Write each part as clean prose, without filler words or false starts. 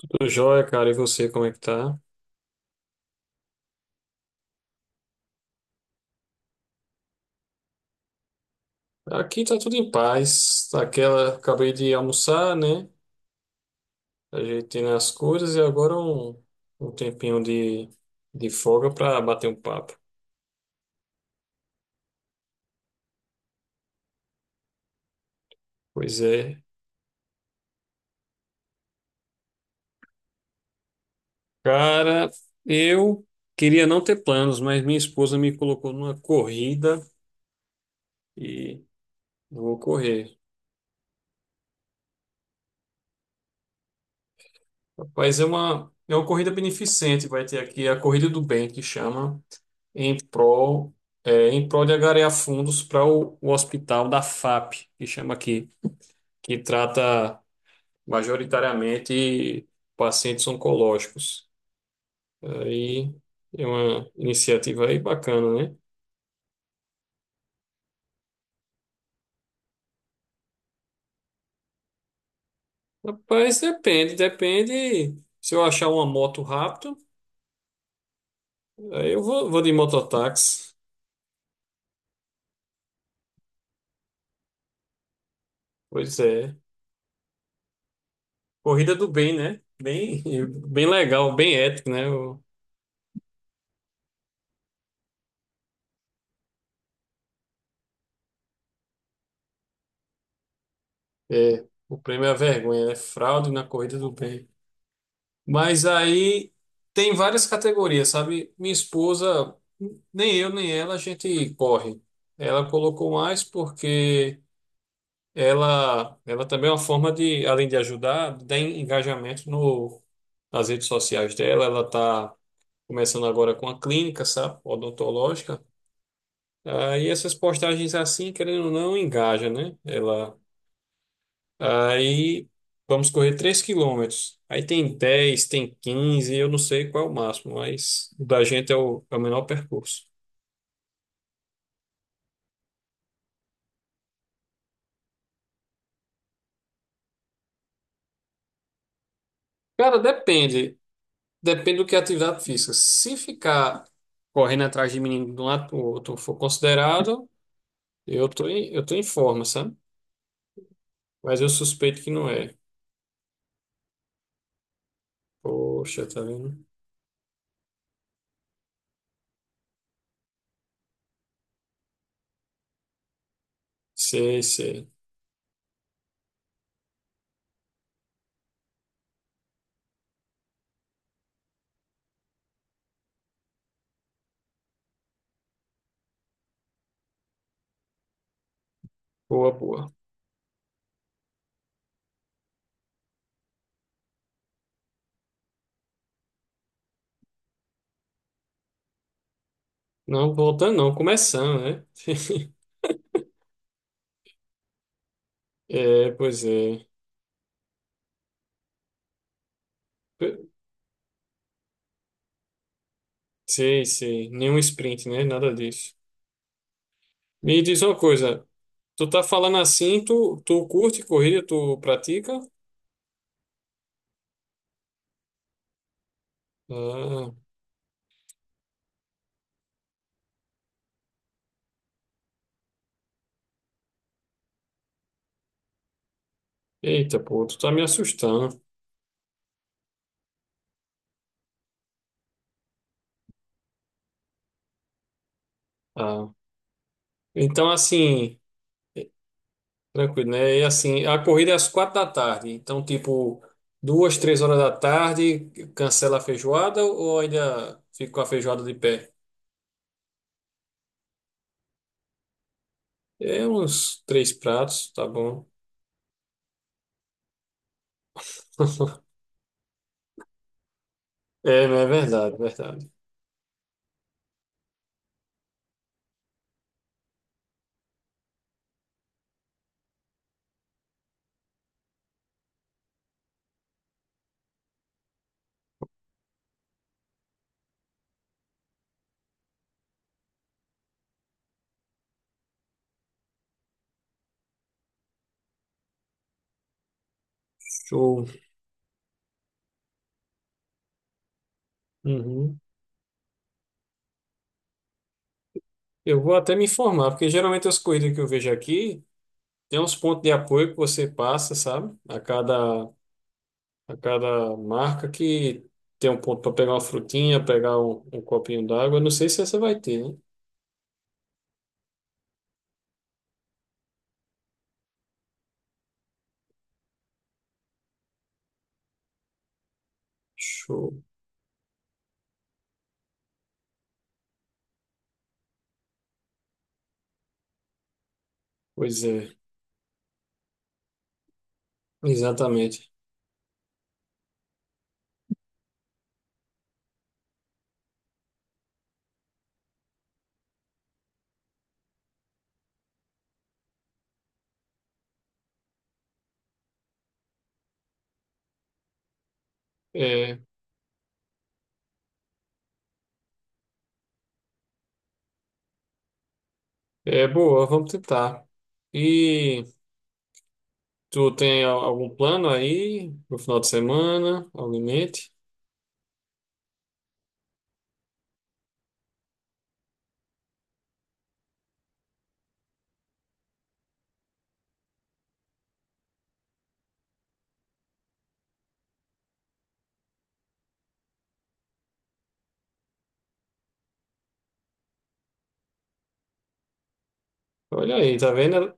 Tudo jóia, cara, e você, como é que tá? Aqui tá tudo em paz. Aquela, acabei de almoçar, né? Ajeitando as coisas e agora um tempinho de folga pra bater um papo. Pois é. Cara, eu queria não ter planos, mas minha esposa me colocou numa corrida e vou correr. Rapaz, é uma corrida beneficente, vai ter aqui a Corrida do Bem, que chama. Em prol, é, em prol de angariar fundos para o hospital da FAP, que chama aqui, que trata majoritariamente pacientes oncológicos. Aí é uma iniciativa aí bacana, né? Rapaz, depende, depende. Se eu achar uma moto rápido, aí eu vou de mototáxi. Pois é. Corrida do bem, né? Bem, bem legal, bem ético, né? O, é, o prêmio é a vergonha, é fraude na corrida do bem. Mas aí tem várias categorias, sabe? Minha esposa, nem eu nem ela, a gente corre. Ela colocou mais porque ela também é uma forma de, além de ajudar, dar engajamento no, nas redes sociais dela. Ela está começando agora com a clínica, sabe? Odontológica. Aí essas postagens assim, querendo ou não, engaja, né? Ela. Aí vamos correr 3 quilômetros. Aí tem dez, tem quinze, eu não sei qual é o máximo, mas o da gente é é o menor percurso. Cara, depende. Depende do que é atividade física. Se ficar correndo atrás de menino de um lado para o outro for considerado, eu tô em forma, sabe? Mas eu suspeito que não é. Poxa, tá vendo? Sei, sei. Boa, boa. Não, voltando não, começando, né? É, pois é. Sei, sei. Nenhum sprint, né? Nada disso. Me diz uma coisa, tu tá falando assim, tu curte corrida, tu pratica? Ah, eita, pô, tu tá me assustando. Ah, então assim, tranquilo, né? E assim, a corrida é às 4 da tarde, então tipo, duas, três horas da tarde, cancela a feijoada ou ainda fica com a feijoada de pé? É uns três pratos, tá bom. É, não é verdade, verdade. Show. Uhum. Eu vou até me informar, porque geralmente as corridas que eu vejo aqui tem uns pontos de apoio que você passa, sabe? A cada marca que tem um ponto para pegar uma frutinha, pegar um copinho d'água. Eu não sei se essa vai ter, né? Show. Pois é, exatamente. É, é boa, vamos tentar. E tu tem algum plano aí no final de semana? Algum em mente? Olha aí, tá vendo? Ela,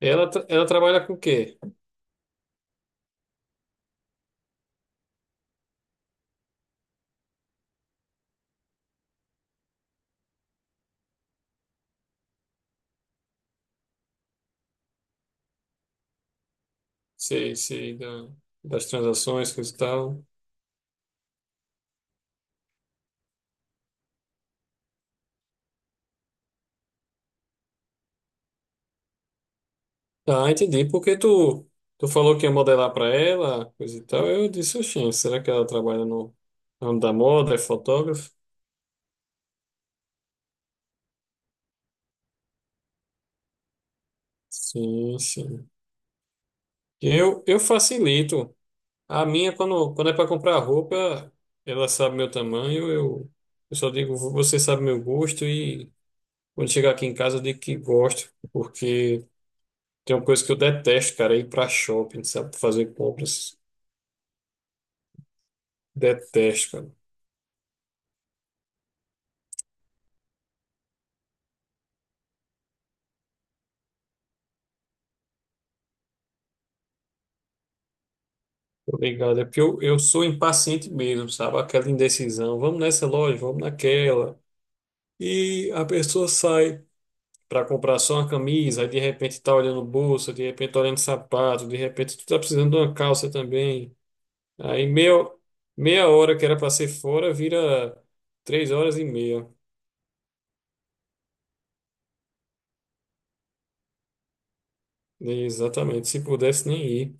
ela trabalha com o quê? Sei, sei, das transações, coisa e tal. Ah, entendi. Porque tu falou que ia modelar pra ela, coisa e tal. Eu disse, oxente, será que ela trabalha no ramo da moda, é fotógrafa? Sim, sim. Eu facilito. A minha, quando é para comprar roupa, ela sabe meu tamanho, eu só digo, você sabe meu gosto e quando chegar aqui em casa eu digo que gosto, porque tem uma coisa que eu detesto, cara, é ir para shopping, sabe, fazer compras. Detesto, cara. Obrigado. É porque eu sou impaciente mesmo, sabe? Aquela indecisão. Vamos nessa loja, vamos naquela. E a pessoa sai para comprar só uma camisa, aí de repente está olhando bolsa, de repente tá olhando sapato, de repente tu tá precisando de uma calça também. Aí meia hora que era para ser fora vira 3 horas e meia. Exatamente. Se pudesse nem ir.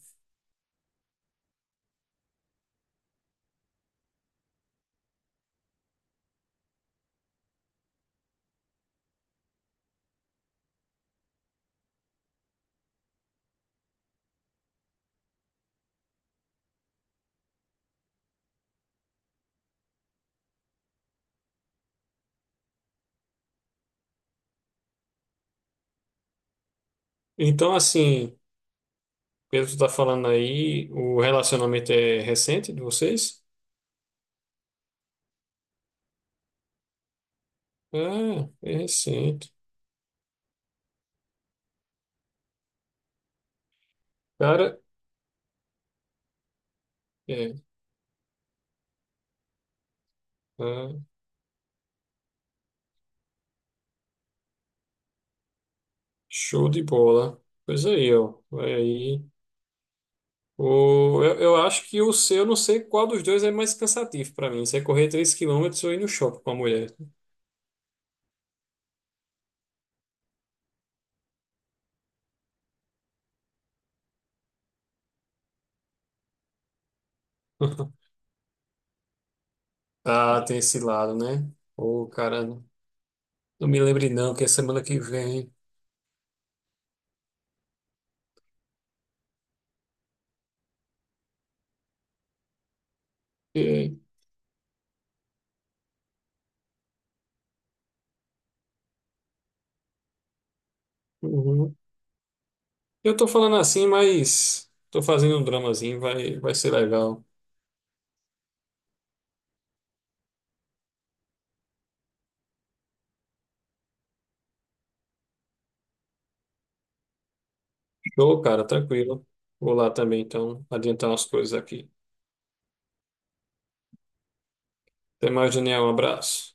Então, assim, pelo que tu tá falando aí, o relacionamento é recente de vocês? Ah, é recente. Cara, é, né? Show de bola. Pois aí, ó. Vai aí. O, eu acho que o seu, eu não sei qual dos dois é mais cansativo para mim. Se é correr 3 quilômetros ou ir no shopping com a mulher. Ah, tem esse lado, né? Ô, cara, não me lembre não que é semana que vem. É, uhum. Eu tô falando assim, mas tô fazendo um dramazinho, vai, vai ser legal. Show, cara, tranquilo. Vou lá também, então, adiantar umas coisas aqui. Até mais, Daniel, um abraço.